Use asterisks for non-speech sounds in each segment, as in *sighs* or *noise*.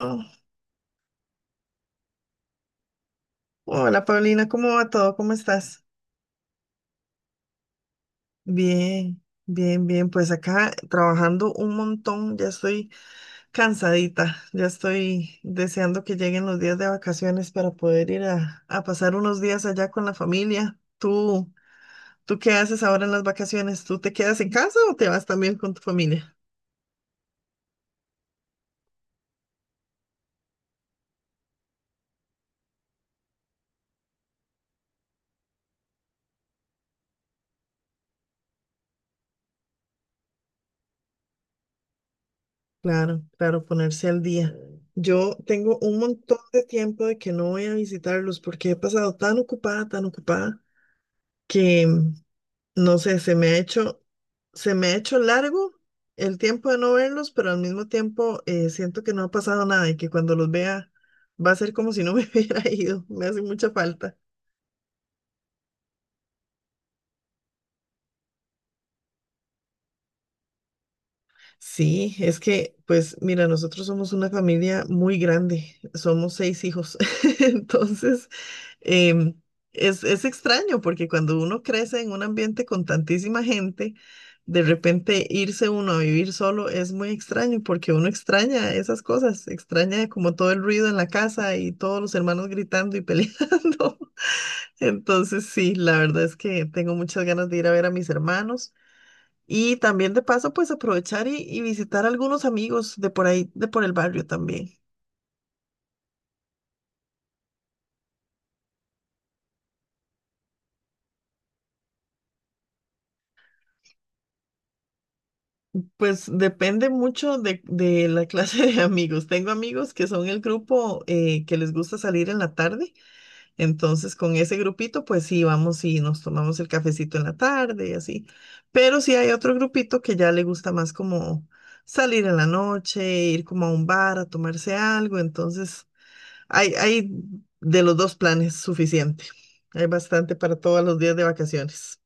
Oh, hola Paulina, ¿cómo va todo? ¿Cómo estás? Bien, bien, bien. Pues acá trabajando un montón, ya estoy cansadita, ya estoy deseando que lleguen los días de vacaciones para poder ir a pasar unos días allá con la familia. ¿Tú qué haces ahora en las vacaciones? ¿Tú te quedas en casa o te vas también con tu familia? Claro, claro, ponerse al día. Yo tengo un montón de tiempo de que no voy a visitarlos porque he pasado tan ocupada, que mm, no sé, se me ha hecho largo el tiempo de no verlos, pero al mismo tiempo siento que no ha pasado nada y que cuando los vea va a ser como si no me *laughs* hubiera ido. Me hace mucha falta. Sí, es que, pues mira, nosotros somos una familia muy grande, somos seis hijos, *laughs* entonces... Em, es extraño porque cuando uno crece en un ambiente con tantísima gente, de repente irse uno a vivir solo es muy extraño porque uno extraña esas cosas, extraña como todo el ruido en la casa y todos los hermanos gritando y peleando. *laughs* Entonces sí, la verdad es que tengo muchas ganas de ir a ver a mis hermanos y también de paso pues aprovechar y visitar a algunos amigos de por ahí, de por el barrio también. Pues depende mucho de la clase de amigos. Tengo amigos que son el grupo que les gusta salir en la tarde, entonces con ese grupito pues sí, vamos y nos tomamos el cafecito en la tarde y así. Pero sí hay otro grupito que ya le gusta más como salir en la noche, ir como a un bar a tomarse algo, entonces hay de los dos planes suficiente. Hay bastante para todos los días de vacaciones.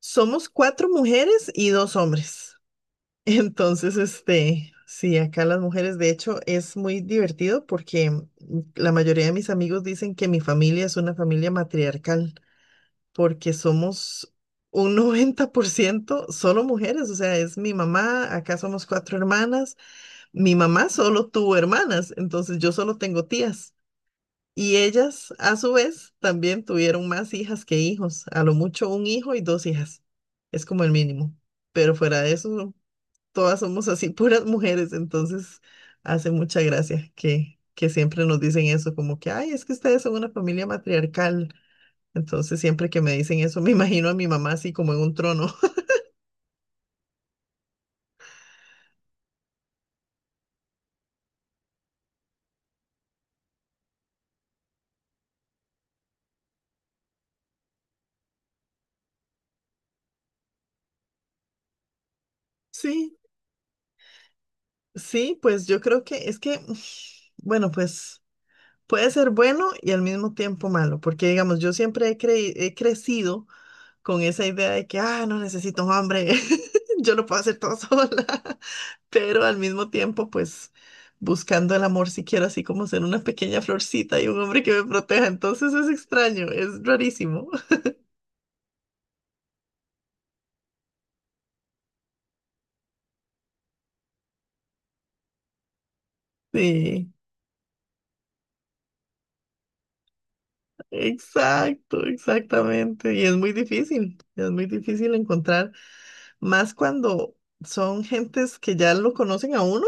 Somos cuatro mujeres y dos hombres. Entonces, este, sí, acá las mujeres, de hecho, es muy divertido porque la mayoría de mis amigos dicen que mi familia es una familia matriarcal, porque somos un *laughs* 90% solo mujeres, o sea, es mi mamá, acá somos cuatro hermanas, mi mamá solo tuvo hermanas, entonces yo solo tengo tías. Y ellas, a su vez, también tuvieron más hijas que hijos, a lo mucho un hijo y dos hijas, es como el mínimo, pero fuera de eso todas somos así, *laughs* puras mujeres, entonces hace mucha gracia que siempre nos dicen eso, como que, ay, es que ustedes son una familia matriarcal. Entonces siempre que me dicen eso, *laughs* me imagino a mi mamá así como en un trono. *laughs* Sí, sí, pues yo creo que es que, *sighs* bueno, pues puede ser bueno y al mismo tiempo malo, porque digamos, yo siempre he crecido con esa idea de que, ah, no necesito un hombre, *laughs* yo lo puedo hacer todo *laughs* sola. Pero al mismo tiempo, pues buscando el amor, si quiero así como ser una pequeña florcita y un hombre que me proteja. Entonces es extraño, es rarísimo. *laughs* Sí, exacto, exactamente. Y es muy difícil encontrar, más cuando son gentes que ya lo conocen a uno,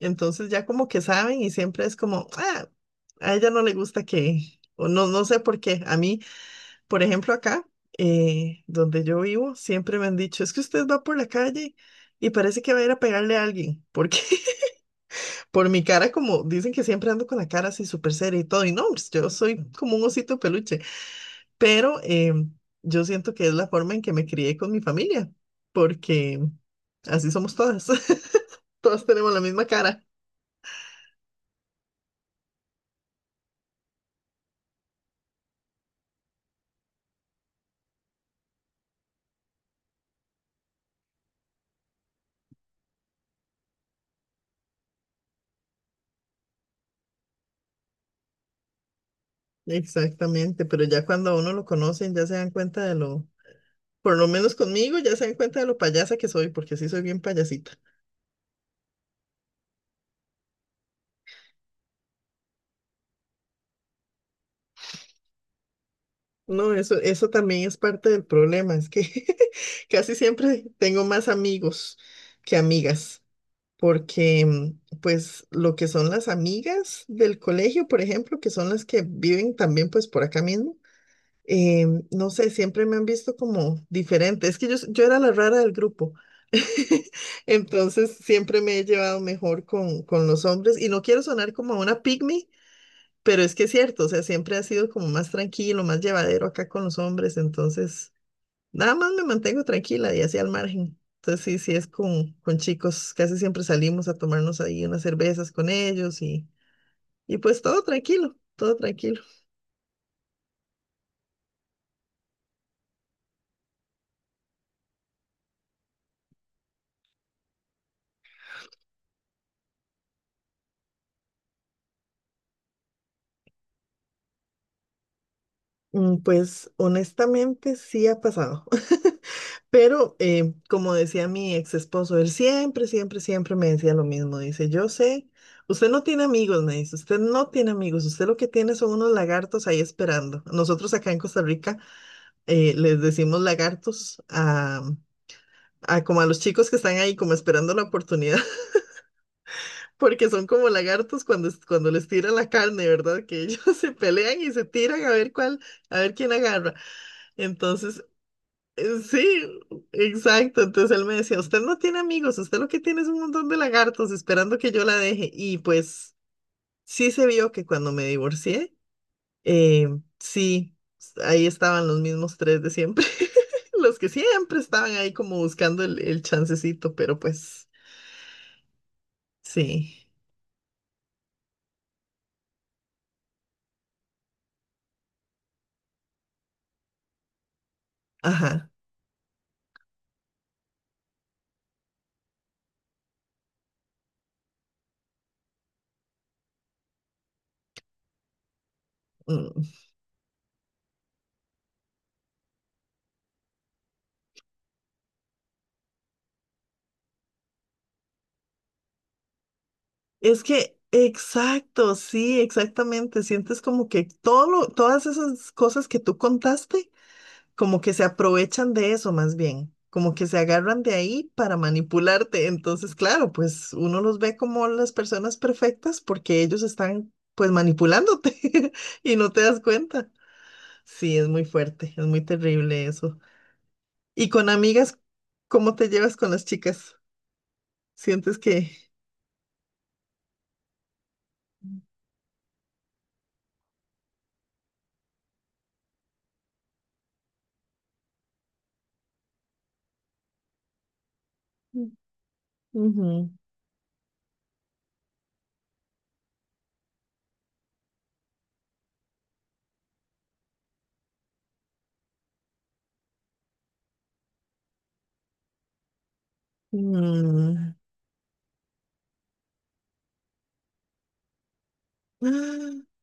entonces ya como que saben y siempre es como, ah, a ella no le gusta que, o no, no sé por qué, a mí. Por ejemplo, acá, donde yo vivo, siempre me han dicho, es que usted va por la calle y parece que va a ir a pegarle a alguien, porque *laughs* por mi cara, como dicen que siempre ando con la cara así súper seria y todo, y no, pues, yo soy como un osito de peluche, pero yo siento que es la forma en que me crié con mi familia, porque así somos todas, *laughs* todas tenemos la misma cara. Exactamente, pero ya cuando a uno lo conocen, ya se dan cuenta de lo, por lo menos conmigo, ya se dan cuenta de lo payasa que soy, porque sí soy bien payasita. No, eso también es parte del problema, es que *laughs* casi siempre tengo más amigos que amigas, porque pues lo que son las amigas del colegio, por ejemplo, que son las que viven también pues por acá mismo, no sé, siempre me han visto como diferente, es que yo era la rara del grupo, *laughs* entonces siempre me he llevado mejor con los hombres y no quiero sonar como una pygmy pero es que es cierto, o sea, siempre ha sido como más tranquilo, más llevadero acá con los hombres, entonces nada más me mantengo tranquila y así al margen. Entonces sí, sí es con chicos, casi siempre salimos a tomarnos ahí unas cervezas con ellos y pues todo tranquilo, todo tranquilo. Pues honestamente sí ha pasado. Pero, como decía mi ex esposo, él siempre, siempre, siempre me decía lo mismo. Dice, yo sé, usted no tiene amigos, me dice, usted no tiene amigos, usted lo que tiene son unos lagartos ahí esperando. Nosotros acá en Costa Rica les decimos lagartos a como a los chicos que están ahí como esperando la oportunidad, *laughs* porque son como lagartos cuando les tiran la carne, ¿verdad? Que ellos *laughs* se pelean y se tiran a ver cuál, a ver quién agarra. Entonces, sí, exacto. Entonces él me decía, usted no tiene amigos, usted lo que tiene es un montón de lagartos esperando que yo la deje. Y pues sí se vio que cuando me divorcié, eh, ahí estaban los mismos tres de siempre, *laughs* los que siempre estaban ahí como buscando el chancecito, pero pues sí, ajá. Mm. Es que, exacto, sí, exactamente. Sientes como que todo lo- todas esas cosas que tú contaste. Como que se aprovechan de eso más bien, como que se agarran de ahí para manipularte. Entonces, claro, pues uno los ve como las personas perfectas porque ellos están pues manipulándote *laughs* y no te das cuenta. Sí, es muy fuerte, es muy terrible eso. Y con amigas, ¿cómo te llevas con las chicas? ¿Sientes que... Ujú. Mm. *gasps* Ah,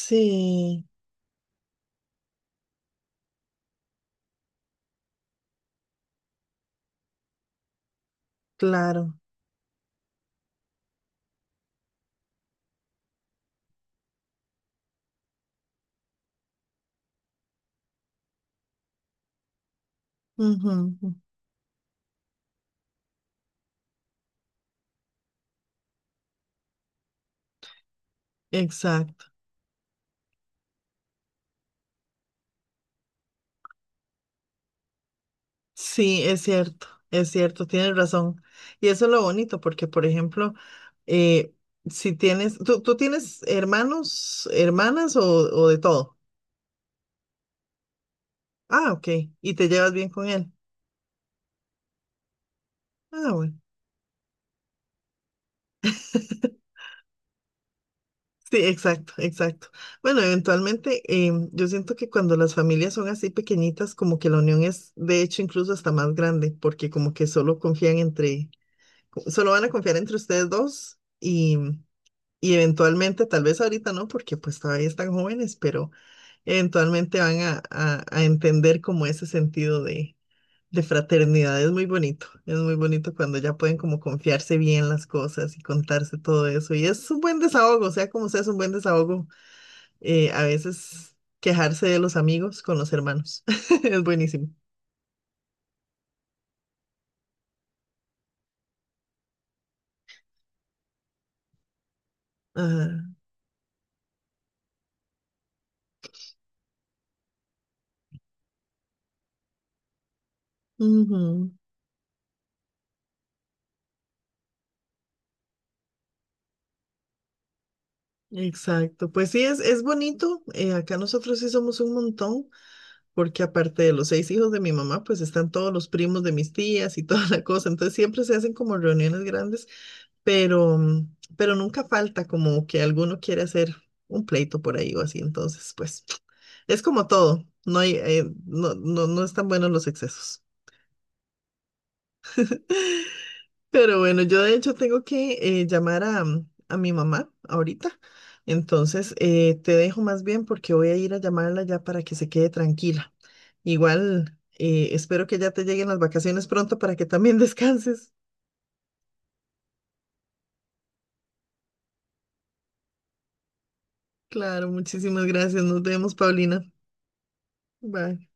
sí, claro. Ujú, ujú. Exacto. Sí, es cierto, tienes razón. Y eso es lo bonito, porque, por ejemplo, eh, si tienes, ¿tú tienes hermanos, hermanas o de todo? Ah, ok, y te llevas bien con él. Ah, bueno. *laughs* Sí, exacto, exacto. Bueno, eventualmente yo siento que cuando las familias son así pequeñitas, como que la unión es, de hecho, incluso hasta más grande, porque como que solo solo van a confiar entre ustedes dos. Y eventualmente, tal vez ahorita no, porque pues todavía están jóvenes, pero eventualmente van a entender como ese sentido de fraternidad. Es muy bonito cuando ya pueden como confiarse bien las cosas y contarse todo eso. Y es un buen desahogo, sea como sea, es un buen desahogo. Eh, a veces quejarse de los amigos con los hermanos. *laughs* Es buenísimo. Ajá. Ujú, exacto. Pues sí, es bonito. Acá nosotros sí somos un montón. Porque aparte de los seis hijos de mi mamá, pues están todos los primos de mis tías y *laughs* toda la cosa. Entonces siempre se hacen como reuniones grandes, pero, pero nunca falta como que alguno quiere hacer un pleito por ahí o así. Entonces, pues *tsk* es como todo. No hay, no, no, no están buenos los excesos. Pero bueno, yo de hecho tengo que llamar a mi mamá ahorita. Entonces, te dejo más bien porque voy a ir a llamarla ya para que se quede tranquila. Igual, espero que ya te lleguen las vacaciones pronto para que también *laughs* descanses. Claro, muchísimas gracias. Nos vemos, Paulina. Bye.